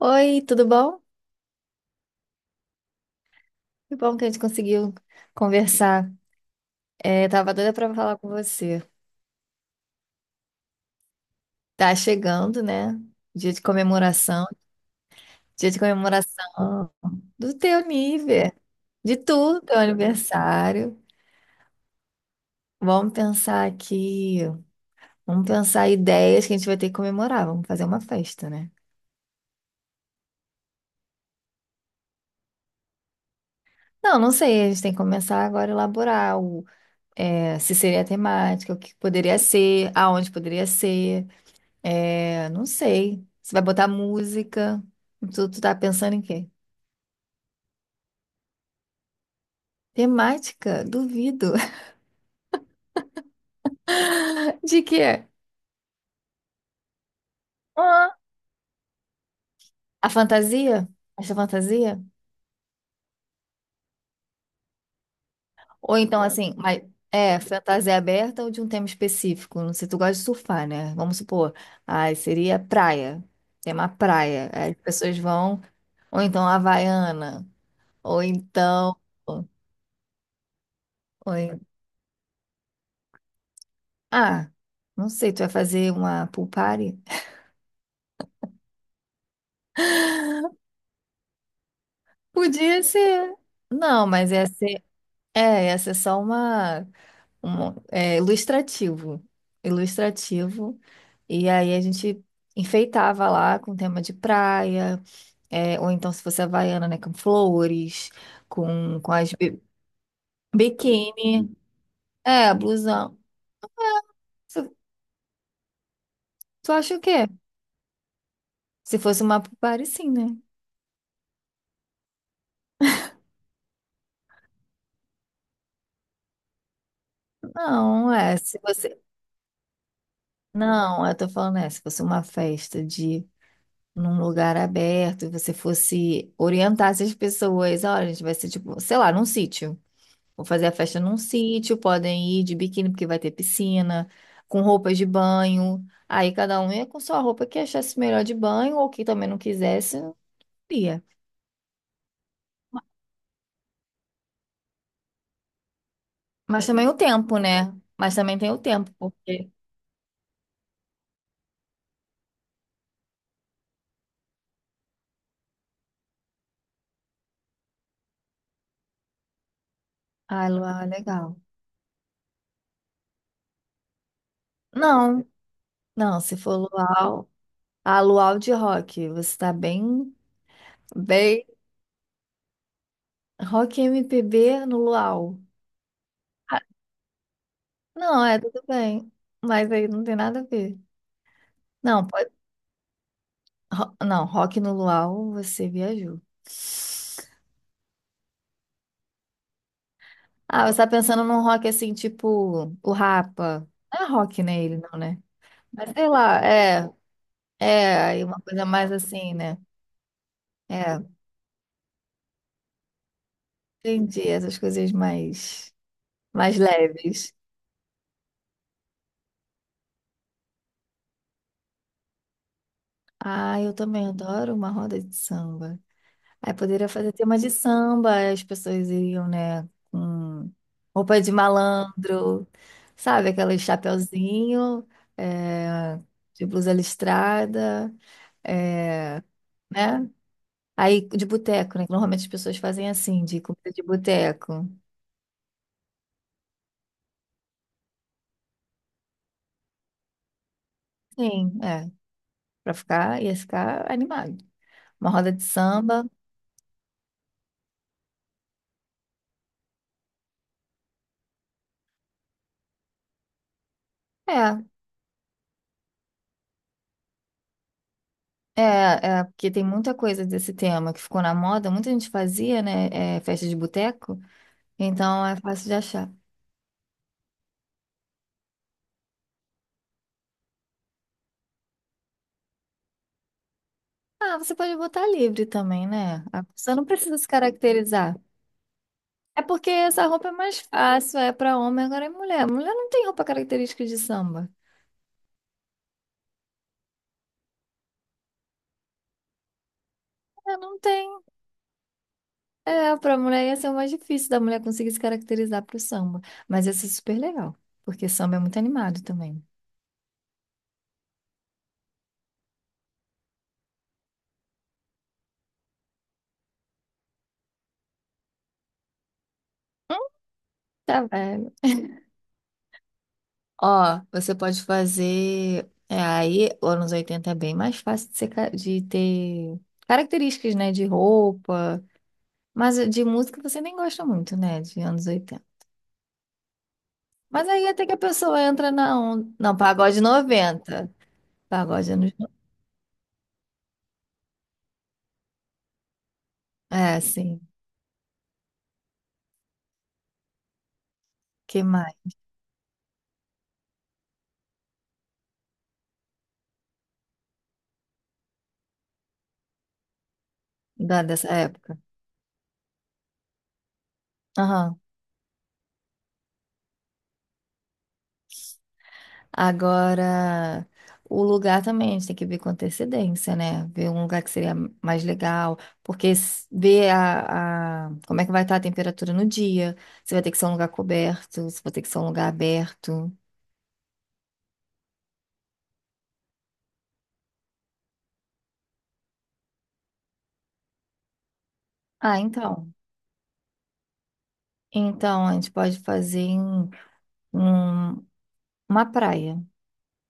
Oi, tudo bom? Que bom que a gente conseguiu conversar. É, tava doida para falar com você. Tá chegando, né? Dia de comemoração, dia de comemoração do teu nível, teu aniversário. Vamos pensar aqui, vamos pensar ideias que a gente vai ter que comemorar. Vamos fazer uma festa, né? Não, não sei. A gente tem que começar agora a elaborar se seria a temática, o que poderia ser, aonde poderia ser. Não sei. Você vai botar música? Tu tá pensando em quê? Temática? Duvido. De quê? Ah, A fantasia? Essa fantasia? Ou então, ah, assim, mas é fantasia aberta ou de um tema específico? Não sei, tu gosta de surfar, né? Vamos supor. Ai, seria praia. Tema praia. Aí as pessoas vão. Ou então havaiana. Ou então. Ou, ou- ah, Não sei, tu vai fazer uma pool party? Podia ser. Não, mas ia ser, ia ser só uma, ilustrativo. Ilustrativo. E aí a gente enfeitava lá com tema de praia, ou então se fosse havaiana, né, com flores, com as biquíni, é, blusão. Se- Tu acha o quê? Se fosse uma party, sim, né? Não, se você... Não, eu tô falando, se fosse uma festa de num lugar aberto e você fosse orientar essas pessoas, olha, a gente vai ser tipo, sei lá, num sítio. Vou fazer a festa num sítio, podem ir de biquíni porque vai ter piscina, com roupas de banho. Aí cada um ia com sua roupa que achasse melhor de banho ou que também não quisesse, ia. Mas também o tempo, né? Mas também tem o tempo, porque luau é legal. Não, não, Se for luau, ah, luau de rock, você tá bem rock M P B no luau. Não, é tudo bem. Mas aí não tem nada a ver. Não, pode. Não, rock no luau, você viajou. Ah, você tá pensando num rock assim, tipo o Rapa. Não é rock, né? Ele não, né? Mas sei lá, é. É, aí uma coisa mais assim, né? É, entendi. Essas coisas mais, mais leves. Ah, eu também adoro uma roda de samba. Aí poderia fazer tema de samba, aí as pessoas iriam, né, com roupa de malandro, sabe? Aquele chapeuzinho, é, de blusa listrada, é, né? Aí de boteco, né? Que normalmente as pessoas fazem assim, de comida de boteco. Sim, é. Pra ficar, ia ficar animado. Uma roda de samba. É, é, é, porque tem muita coisa desse tema que ficou na moda, muita gente fazia, né? É, festa de boteco. Então é fácil de achar. Ah, você pode botar livre também, né? A pessoa não precisa se caracterizar. É porque essa roupa é mais fácil, é pra homem, agora é mulher. Mulher não tem roupa característica de samba. É, não tem. É, pra mulher ia ser o mais difícil da mulher conseguir se caracterizar pro samba. Mas ia ser super legal, porque samba é muito animado também. Tá velho. Ó, você pode fazer. É, aí, anos 80 é bem mais fácil de, de ter características, né? De roupa. Mas de música você nem gosta muito, né? De anos 80. Mas aí até que a pessoa entra na onda. Não, pagode 90. Pagode anos. No- É, sim. Que mais? Da, dessa época. Aham. Agora, o lugar também, a gente tem que ver com antecedência, né? Ver um lugar que seria mais legal. Ver como é que vai estar a temperatura no dia. Se vai ter que ser um lugar coberto, se vai ter que ser um lugar aberto. Ah, então. Então, a gente pode fazer em um, uma praia.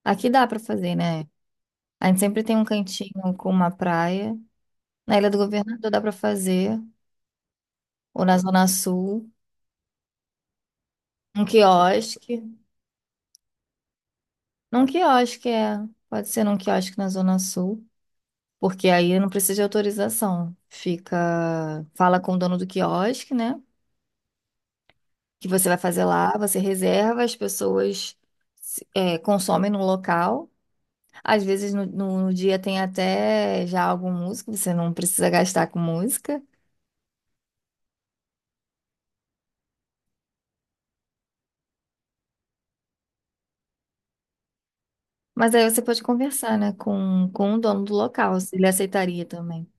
Aqui dá pra fazer, né? A gente sempre tem um cantinho com uma praia. Na Ilha do Governador dá pra fazer, ou na Zona Sul, um quiosque. Num quiosque é, pode ser num quiosque na Zona Sul, porque aí não precisa de autorização. Fica, fala com o dono do quiosque, né? Que você vai fazer lá, você reserva, as pessoas consomem no local. Às vezes no dia tem até já algum músico, você não precisa gastar com música. Mas aí você pode conversar, né, com o dono do local, se ele aceitaria também.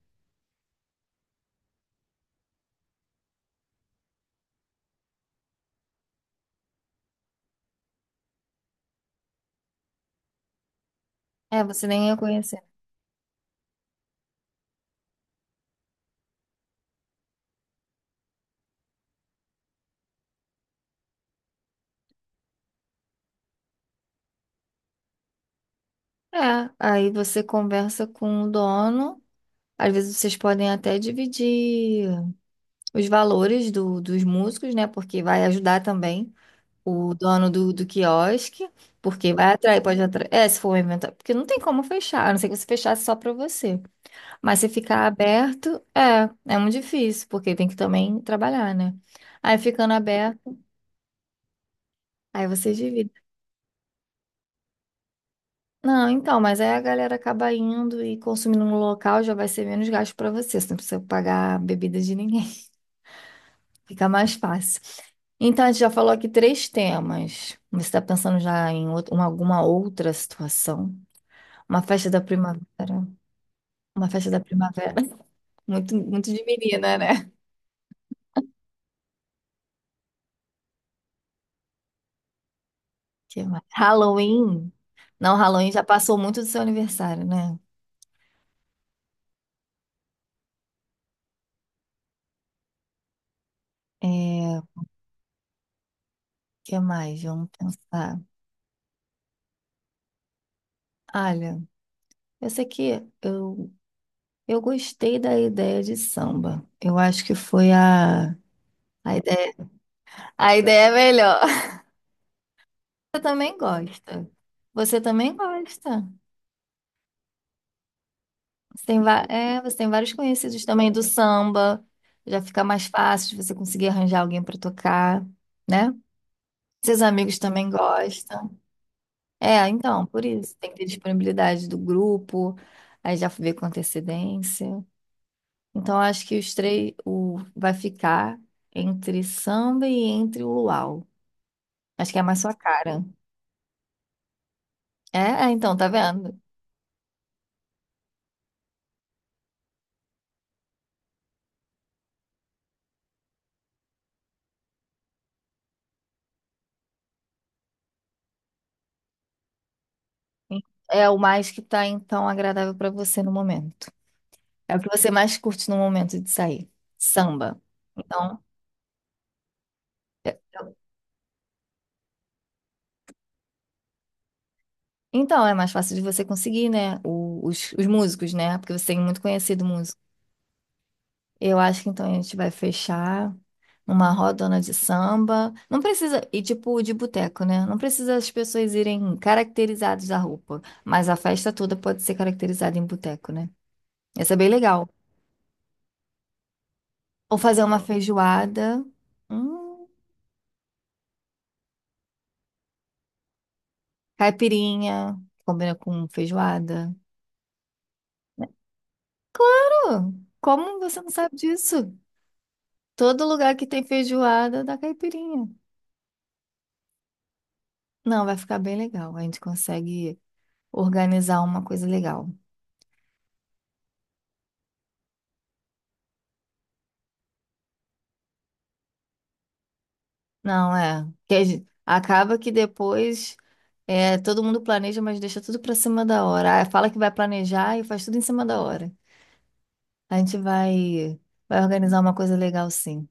É, você nem ia conhecer. É, aí você conversa com o dono. Às vezes vocês podem até dividir os valores do, dos músicos, né? Porque vai ajudar também o dono do quiosque, porque vai atrair, pode atrair. É, se for um evento, porque não tem como fechar, a não ser que você fechasse só para você. Mas se ficar aberto, é muito difícil, porque tem que também trabalhar, né? Aí ficando aberto, aí vocês dividem. Não, então, mas aí a galera acaba indo e consumindo no local, já vai ser menos gasto para você, você não precisa pagar bebida de ninguém, fica mais fácil. Então, a gente já falou aqui três temas. Você está pensando já em alguma outra situação? Uma festa da primavera. Uma festa da primavera. Muito, muito de menina, né? Que mais? Halloween? Não, Halloween já passou muito do seu aniversário, né? É, o que mais? Vamos pensar. Olha, eu sei que eu gostei da ideia de samba. Eu acho que foi a ideia, a ideia é melhor. Você também gosta. Você também gosta. Você tem, você tem vários conhecidos também do samba. Já fica mais fácil de você conseguir arranjar alguém para tocar, né? Seus amigos também gostam. É, então, por isso, tem que ter disponibilidade do grupo, aí já vê com antecedência. Então, acho que vai ficar entre samba e entre o luau. Acho que é mais sua cara. É, então, tá vendo? É o mais que tá, então, agradável pra você no momento. É o que você mais curte no momento de sair. Samba. Então, é, então é mais fácil de você conseguir, né? Os músicos, né? Porque você tem muito conhecido músico. Eu acho que então a gente vai fechar uma rodona de samba. Não precisa, e tipo de boteco, né? Não precisa as pessoas irem caracterizadas da roupa. Mas a festa toda pode ser caracterizada em boteco, né? Isso é bem legal. Ou fazer uma feijoada. Hum, caipirinha. Combina com feijoada. É, claro! Como você não sabe disso? Todo lugar que tem feijoada dá caipirinha. Não, vai ficar bem legal. A gente consegue organizar uma coisa legal. Não, é. Acaba que depois todo mundo planeja, mas deixa tudo pra cima da hora. Ah, fala que vai planejar e faz tudo em cima da hora. A gente vai, vai organizar uma coisa legal, sim.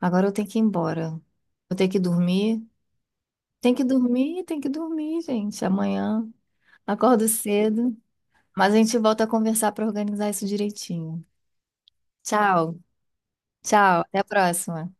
Agora eu tenho que ir embora. Eu tenho que dormir. Tem que dormir, tem que dormir, gente. Amanhã acordo cedo. Mas a gente volta a conversar para organizar isso direitinho. Tchau, tchau. Até a próxima.